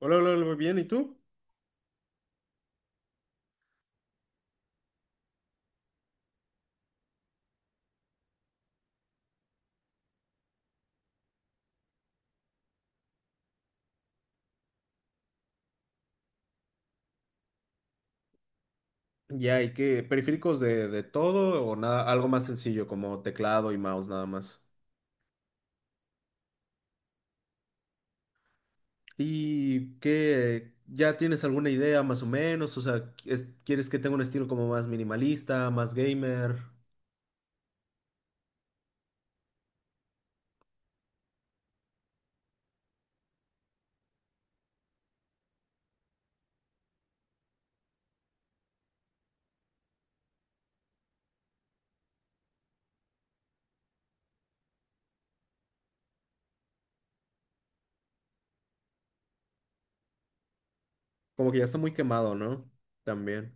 Hola, hola, hola, muy bien. ¿Y tú? Ya, ¿y qué? Periféricos de todo o nada. Algo más sencillo como teclado y mouse nada más. ¿Y qué? ¿Ya tienes alguna idea más o menos? O sea, ¿quieres que tenga un estilo como más minimalista, más gamer? Como que ya está muy quemado, ¿no? También.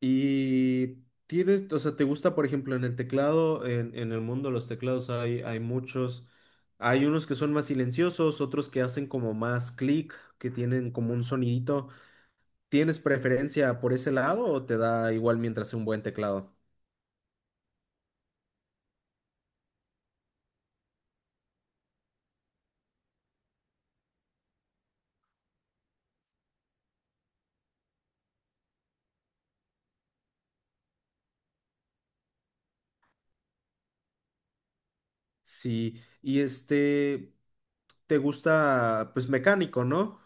¿Y tienes, o sea, te gusta, por ejemplo, en el teclado, en el mundo de los teclados hay, muchos. Hay unos que son más silenciosos, otros que hacen como más clic, que tienen como un sonidito. ¿Tienes preferencia por ese lado o te da igual mientras sea un buen teclado? Sí, y este, te gusta pues mecánico, ¿no?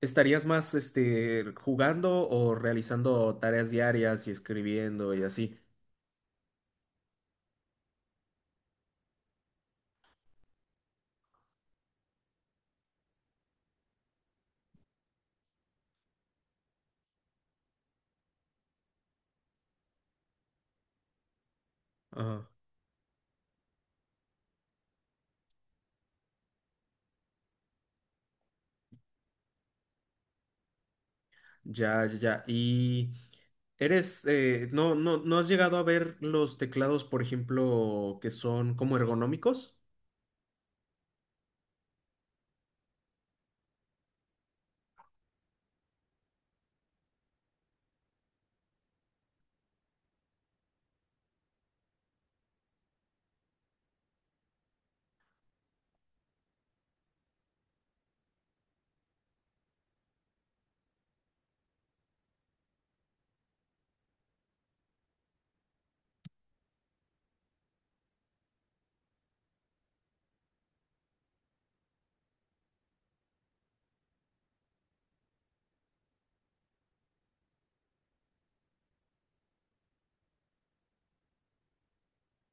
¿Estarías más este jugando o realizando tareas diarias y escribiendo y así? Ah, ya, ya, ya. Y eres, ¿no has llegado a ver los teclados, por ejemplo, que son como ergonómicos?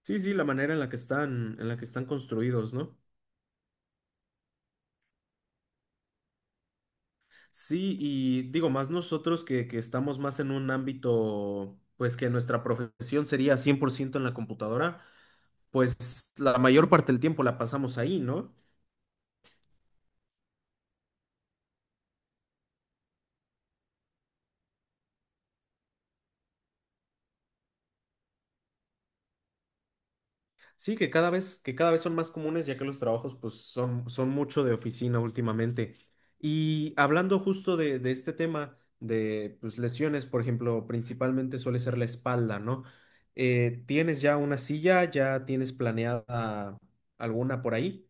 Sí, sí, la manera en la que están, en la que están construidos, ¿no? Sí, y digo, más nosotros que estamos más en un ámbito, pues que nuestra profesión sería 100% en la computadora, pues la mayor parte del tiempo la pasamos ahí, ¿no? Sí, que cada vez son más comunes, ya que los trabajos pues son, son mucho de oficina últimamente. Y hablando justo de este tema de pues, lesiones, por ejemplo, principalmente suele ser la espalda, ¿no? ¿Tienes ya una silla? ¿Ya tienes planeada alguna por ahí?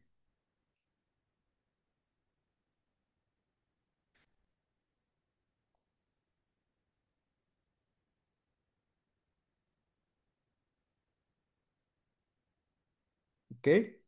¿Qué?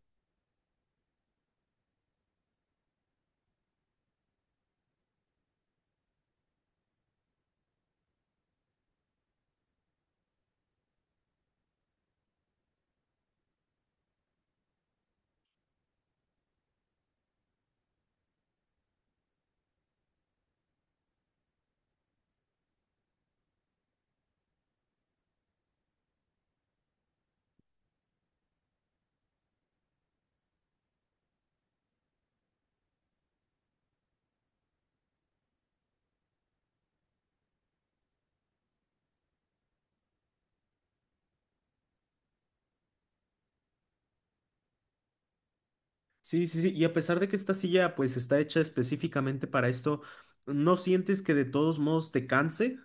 Sí, sí, sí. Y a pesar de que esta silla pues está hecha específicamente para esto, ¿no sientes que de todos modos te canse?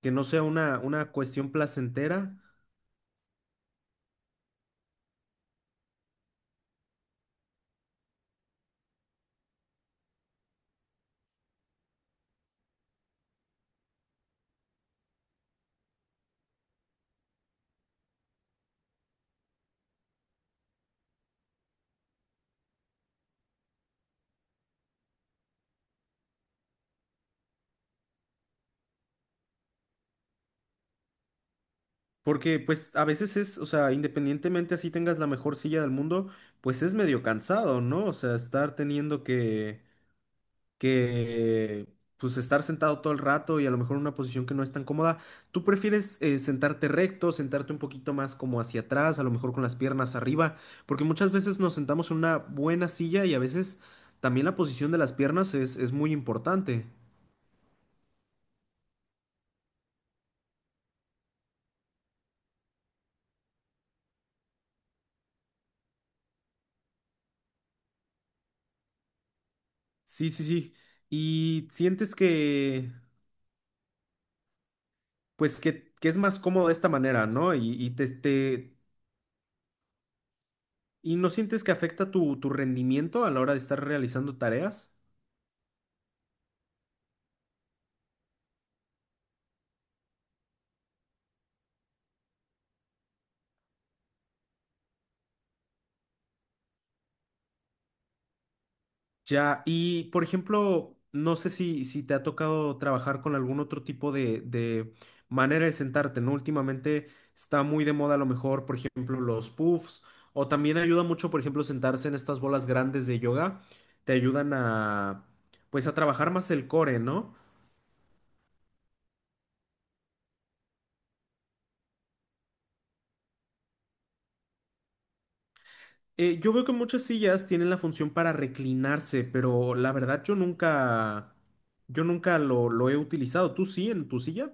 Que no sea una cuestión placentera. Porque pues a veces es, o sea, independientemente así tengas la mejor silla del mundo, pues es medio cansado, ¿no? O sea, estar teniendo que pues estar sentado todo el rato y a lo mejor en una posición que no es tan cómoda. ¿Tú prefieres sentarte recto, sentarte un poquito más como hacia atrás, a lo mejor con las piernas arriba? Porque muchas veces nos sentamos en una buena silla y a veces también la posición de las piernas es muy importante. Sí, sí, sí. Y sientes que, pues que es más cómodo de esta manera, ¿no? Y te, te- ¿y no sientes que afecta tu, tu rendimiento a la hora de estar realizando tareas? Ya, y por ejemplo, no sé si, si te ha tocado trabajar con algún otro tipo de manera de sentarte, ¿no? Últimamente está muy de moda a lo mejor, por ejemplo, los puffs, o también ayuda mucho, por ejemplo, sentarse en estas bolas grandes de yoga, te ayudan a, pues, a trabajar más el core, ¿no? Yo veo que muchas sillas tienen la función para reclinarse, pero la verdad yo nunca lo, lo he utilizado. ¿Tú sí en tu silla?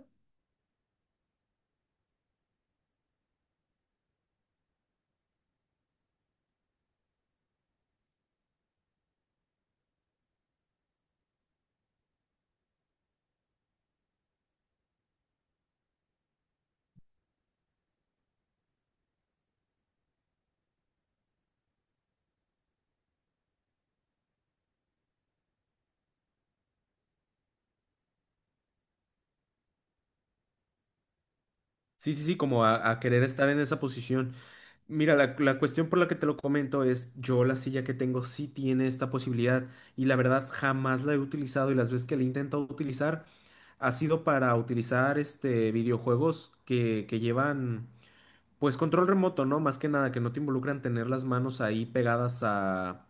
Sí, sí, sí, como a querer estar en esa posición. Mira, la cuestión por la que te lo comento es, yo la silla que tengo sí tiene esta posibilidad y la verdad jamás la he utilizado y las veces que la he intentado utilizar ha sido para utilizar este videojuegos que llevan pues control remoto, ¿no? Más que nada que no te involucran tener las manos ahí pegadas a,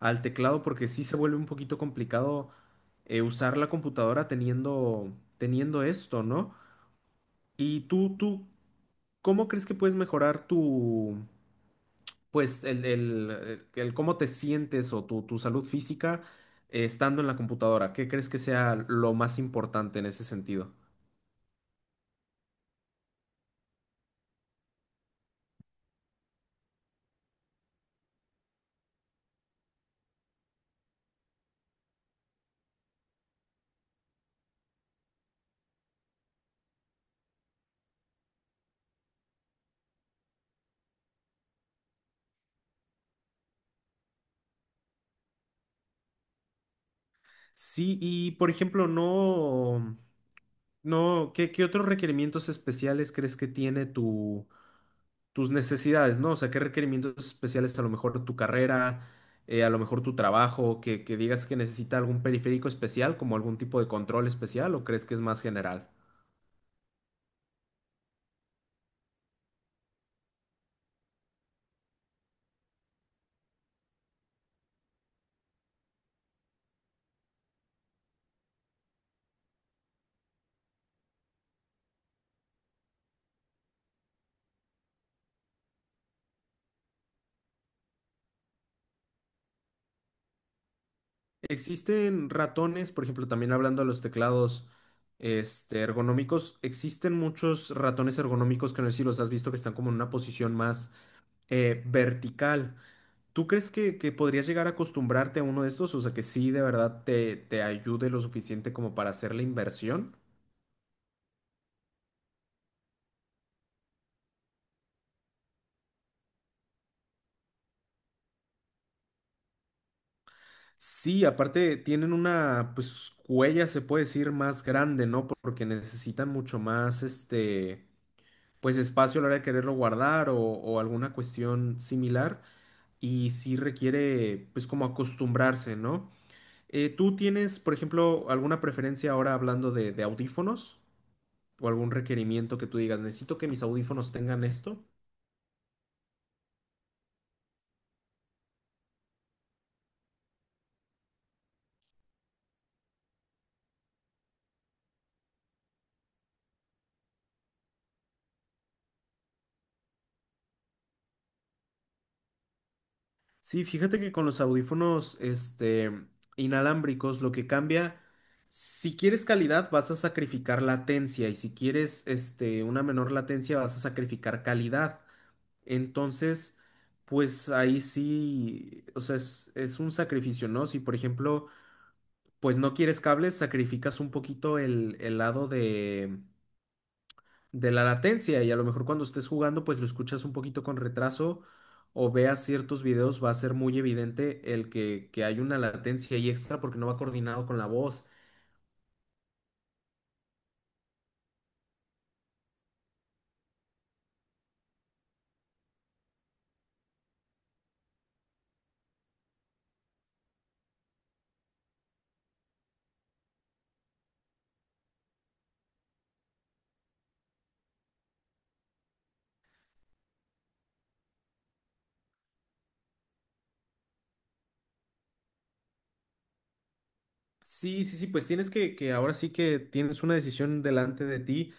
al teclado porque sí se vuelve un poquito complicado usar la computadora teniendo, teniendo esto, ¿no? Y tú, ¿cómo crees que puedes mejorar tu pues el cómo te sientes o tu salud física estando en la computadora? ¿Qué crees que sea lo más importante en ese sentido? Sí, y por ejemplo, no, no, ¿qué, qué otros requerimientos especiales crees que tiene tu, tus necesidades, ¿no? O sea, ¿qué requerimientos especiales a lo mejor tu carrera, a lo mejor tu trabajo, que digas que necesita algún periférico especial, como algún tipo de control especial, o crees que es más general? Existen ratones, por ejemplo, también hablando de los teclados este, ergonómicos, existen muchos ratones ergonómicos que no sé si los has visto que están como en una posición más vertical. ¿Tú crees que podrías llegar a acostumbrarte a uno de estos? O sea, que sí, de verdad, te ayude lo suficiente como para hacer la inversión. Sí, aparte tienen una, pues, huella, se puede decir, más grande, ¿no? Porque necesitan mucho más, este, pues, espacio a la hora de quererlo guardar o alguna cuestión similar. Y sí requiere pues como acostumbrarse, ¿no? ¿Tú tienes, por ejemplo, alguna preferencia ahora hablando de audífonos o algún requerimiento que tú digas, necesito que mis audífonos tengan esto? Sí, fíjate que con los audífonos este, inalámbricos lo que cambia, si quieres calidad vas a sacrificar latencia y si quieres este, una menor latencia vas a sacrificar calidad. Entonces, pues ahí sí, o sea, es un sacrificio, ¿no? Si por ejemplo pues no quieres cables, sacrificas un poquito el lado de la latencia y a lo mejor cuando estés jugando, pues lo escuchas un poquito con retraso o veas ciertos videos, va a ser muy evidente el que hay una latencia ahí extra porque no va coordinado con la voz. Sí, sí, sí, pues tienes que ahora sí que tienes una decisión delante de ti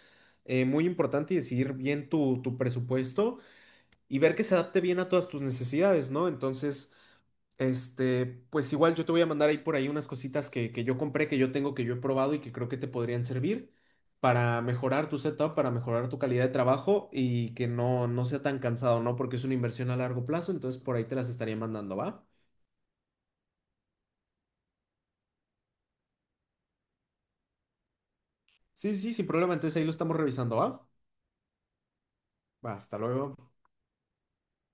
muy importante y decidir bien tu, tu presupuesto y ver que se adapte bien a todas tus necesidades, ¿no? Entonces este, pues igual yo te voy a mandar ahí por ahí unas cositas que yo compré, que yo tengo, que yo he probado y que creo que te podrían servir para mejorar tu setup, para mejorar tu calidad de trabajo y que no, no sea tan cansado, ¿no? Porque es una inversión a largo plazo, entonces por ahí te las estaría mandando, ¿va? Sí, sí, sí, sin problema, entonces ahí lo estamos revisando, ¿va? Va, hasta luego.